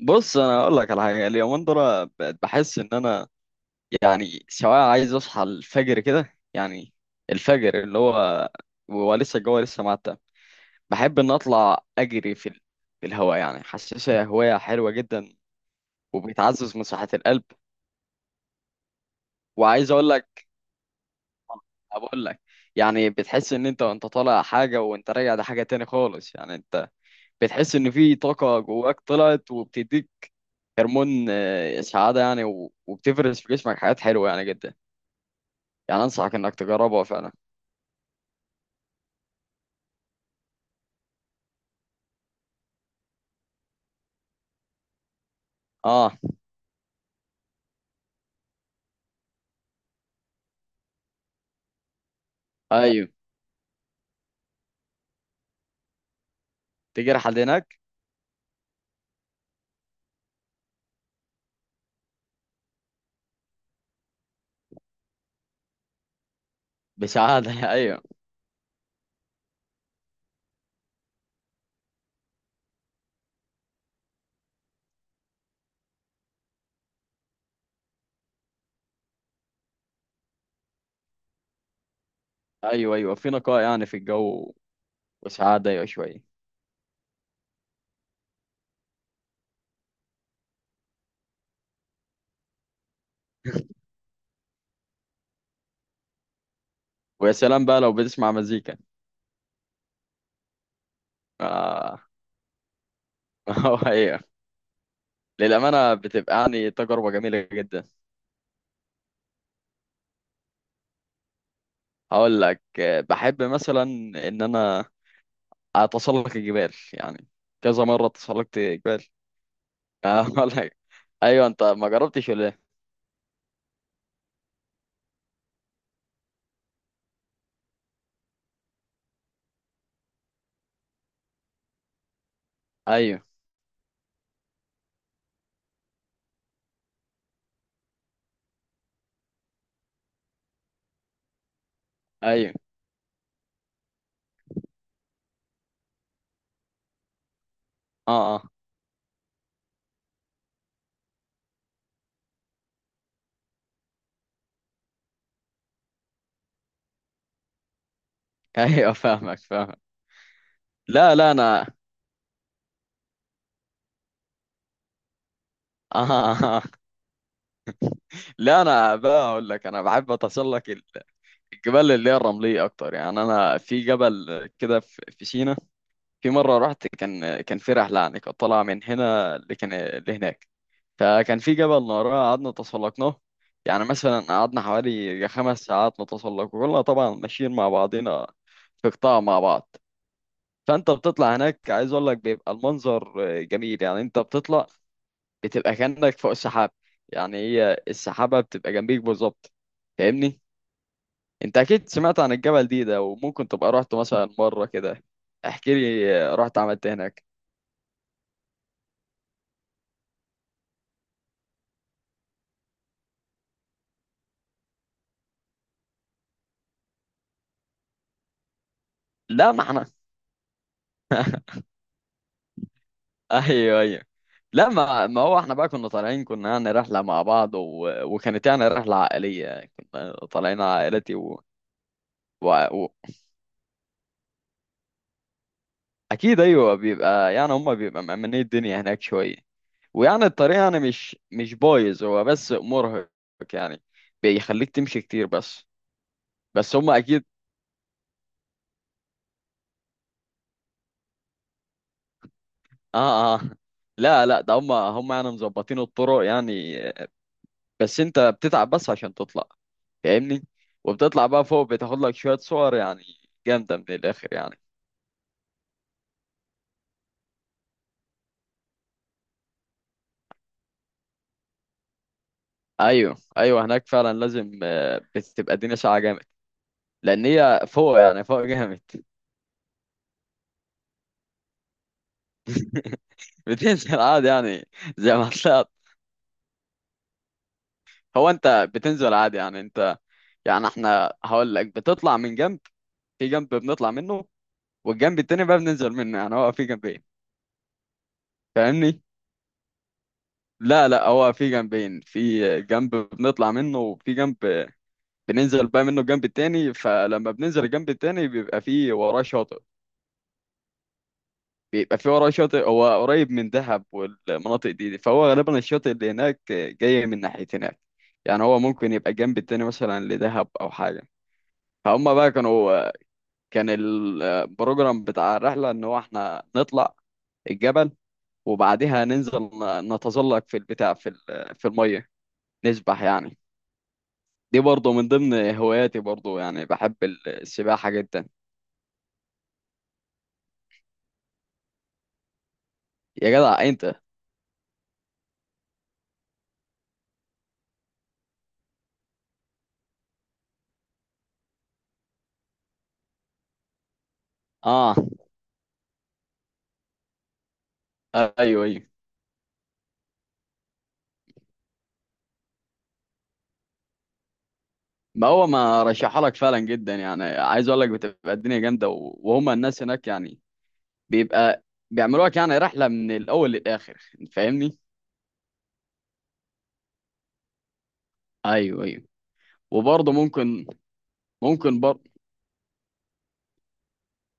بص انا اقول لك على حاجه اليومين دول. بقت بحس ان انا يعني سواء عايز اصحى الفجر كده، يعني الفجر اللي هو ولسه الجو لسه معتم، بحب ان اطلع اجري في الهواء. يعني حاسسها هوايه حلوه جدا، وبتعزز من صحه القلب. وعايز اقول لك بقول لك يعني بتحس ان انت وانت طالع حاجه وانت راجع ده حاجه تاني خالص. يعني انت بتحس ان في طاقه جواك طلعت وبتديك هرمون سعاده، يعني و- وبتفرز في جسمك حاجات حلوه يعني جدا. يعني انصحك انك تجربها فعلا. اه، ايوه، تيجي رحلة هناك. بسعادة ايوه. ايوه ايوه، في نقاء يعني في الجو. وسعادة، ايوه، شوية. ويا سلام بقى لو بتسمع مزيكا. آه. ايوه. للأمانة بتبقى يعني تجربة جميلة جدا. هقول لك بحب مثلا ان انا اتسلق الجبال، يعني كذا مرة تسلقت جبال. هقول لك، ايوه، انت ما جربتش ولا ايه؟ ايوه ايوه. اه اه. ايوه، فاهمك فاهمك. لا لا انا آه. آه. لا انا بقى اقول لك انا بحب اتسلق الجبال اللي هي الرمليه اكتر. يعني انا في جبل كده في سينا. في مره رحت، كان في رحله يعني كنت طالعه من هنا لكن لهناك، فكان في جبل ناراه قعدنا تسلقناه. يعني مثلا قعدنا حوالي 5 ساعات نتسلق، وكلنا طبعا ماشيين مع بعضنا في قطاع مع بعض. فانت بتطلع هناك، عايز اقول لك بيبقى المنظر جميل، يعني انت بتطلع بتبقى كأنك فوق السحاب، يعني هي السحابة بتبقى جنبيك بالظبط. فاهمني؟ انت اكيد سمعت عن الجبل دي ده، وممكن تبقى رحت مثلا مرة كده. احكي لي رحت عملت إيه هناك. لا ما احنا ايوه ايوه. لا ما هو احنا بقى كنا طالعين، كنا يعني رحلة مع بعض وكانت يعني رحلة عائلية كنا طالعين عائلتي و... و... اكيد ايوه، بيبقى يعني هم بيبقى مأمنين الدنيا هناك شوية. ويعني الطريق يعني مش بايظ هو، بس مرهق، يعني بيخليك تمشي كتير بس. بس هم اكيد. اه اه. لا لا، ده هم يعني مظبطين الطرق يعني، بس انت بتتعب بس عشان تطلع. فاهمني؟ وبتطلع بقى فوق، بتاخد لك شوية صور يعني جامدة من الاخر يعني. ايوه ايوه، هناك فعلا لازم بتبقى الدنيا ساعة جامد، لان هي فوق يعني فوق جامد. بتنزل عادي يعني، زي ما طلعت. هو انت بتنزل عادي يعني. انت يعني احنا هقول لك بتطلع من جنب. في جنب بنطلع منه، والجنب التاني بقى بننزل منه. يعني هو في جنبين. فاهمني؟ لا لا، هو في جنبين، في جنب بنطلع منه وفي جنب بننزل بقى منه الجنب التاني. فلما بننزل الجنب التاني بيبقى في وراه شاطئ. بيبقى في وراه شاطئ، هو قريب من دهب والمناطق دي فهو غالبا الشاطئ اللي هناك جاي من ناحية هناك. يعني هو ممكن يبقى الجنب التاني مثلا لدهب او حاجة. فهم بقى كانوا، كان البروجرام بتاع الرحلة إن هو إحنا نطلع الجبل، وبعدها ننزل ن- نتزلق في البتاع في المية، نسبح يعني. دي برضه من ضمن هواياتي، برضه يعني بحب السباحة جدا. يا جدع أنت. آه، أيوه أيوه. ما هو ما رشحها لك فعلا جدا، يعني عايز أقول لك بتبقى الدنيا جامدة و- وهما الناس هناك يعني بيبقى بيعملوا لك يعني رحلة من الأول للآخر. فاهمني؟ أيوه أيوه. وبرضه ممكن، ممكن برضه.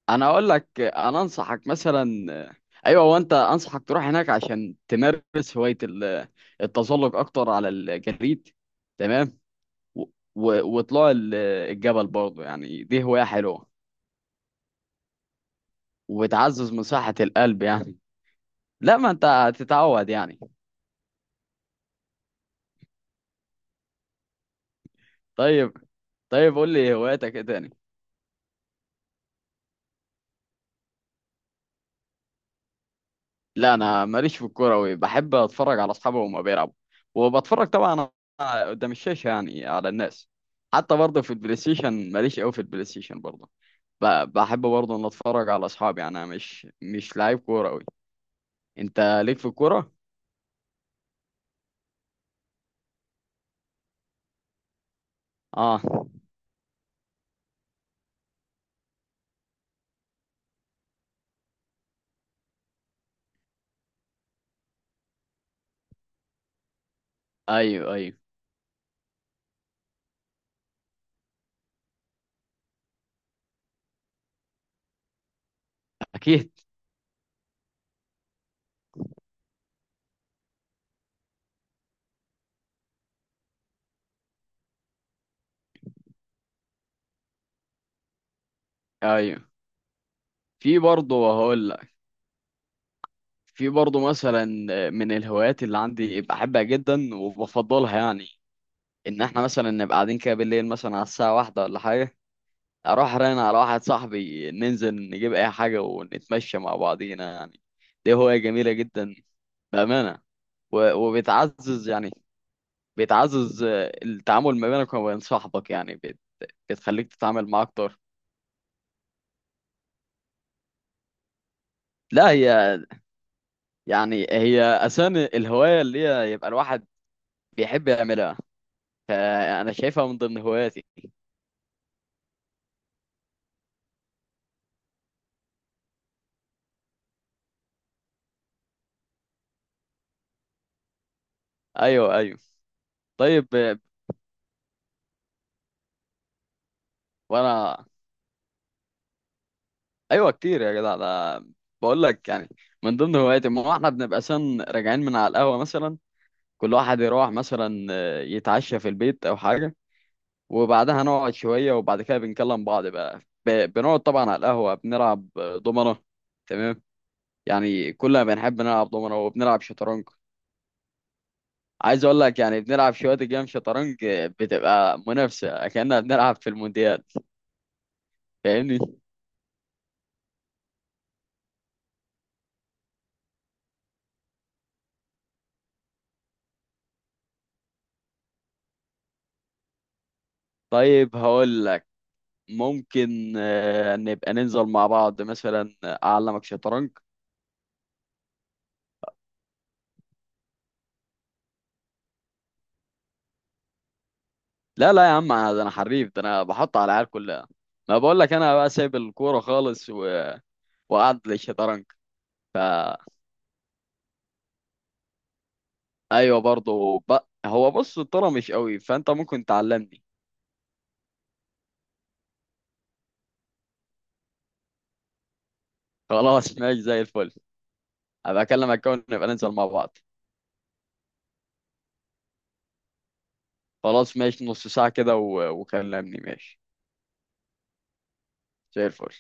انا اقول لك انا انصحك مثلا، ايوه، وانت انصحك تروح هناك عشان تمارس هوايه التزلج اكتر على الجليد. تمام. و- و- وطلوع الجبل برضه، يعني دي هوايه حلوه وبتعزز من صحه القلب يعني. لا ما انت هتتعود يعني. طيب. طيب قول لي هواياتك ايه تاني. لا انا ماليش في الكوره أوي، بحب اتفرج على اصحابي وهما بيلعبوا، وبتفرج طبعا قدام الشاشه يعني على الناس. حتى برضه في البلاي ستيشن ماليش قوي في البلاي ستيشن برضه. ب- بحب برضه ان اتفرج على اصحابي، يعني انا مش مش لعيب كوره أوي. انت ليك في الكوره؟ اه ايوه ايوه، اكيد ايوه. في برضه هقول لك، في برضه مثلا من الهوايات اللي عندي بحبها جدا وبفضلها يعني، ان احنا مثلا نبقى قاعدين كده بالليل مثلا على الساعه واحدة ولا حاجه، اروح رن على واحد صاحبي، ننزل نجيب اي حاجه ونتمشى مع بعضينا يعني. دي هوايه جميله جدا، بامانه، و- وبتعزز يعني، بتعزز التعامل ما بينك وما بين صاحبك، يعني بت- بتخليك تتعامل معاه اكتر. لا هي يعني هي اساسا الهوايه اللي هي يبقى الواحد بيحب يعملها. فانا شايفها من ضمن هواياتي. ايوه ايوه. طيب وانا ايوه كتير يا جدع ده. بقول لك يعني من ضمن هواياتي، ما هو احنا بنبقى سن راجعين من على القهوه مثلا، كل واحد يروح مثلا يتعشى في البيت او حاجه، وبعدها نقعد شويه، وبعد كده بنكلم بعض بقى. ب- بنقعد طبعا على القهوه، بنلعب دومنه. تمام. يعني كلنا بنحب نلعب دومنه، وبنلعب شطرنج. عايز اقول لك يعني بنلعب شويه جيم شطرنج، بتبقى منافسه كأننا بنلعب في المونديال. فاهمني؟ طيب هقول لك ممكن نبقى ننزل مع بعض مثلا اعلمك شطرنج. لا لا يا عم انا، ده انا حريف، ده انا بحط على العيال كلها. ما بقول لك انا بقى سايب الكوره خالص وقعد للشطرنج. ف ايوه برضه هو بص الطرا مش قوي، فانت ممكن تعلمني. خلاص ماشي زي الفل، ابقى اكلمك كون نبقى ننزل مع بعض. خلاص ماشي، نص ساعه كده وكلمني، ماشي. زي الفل.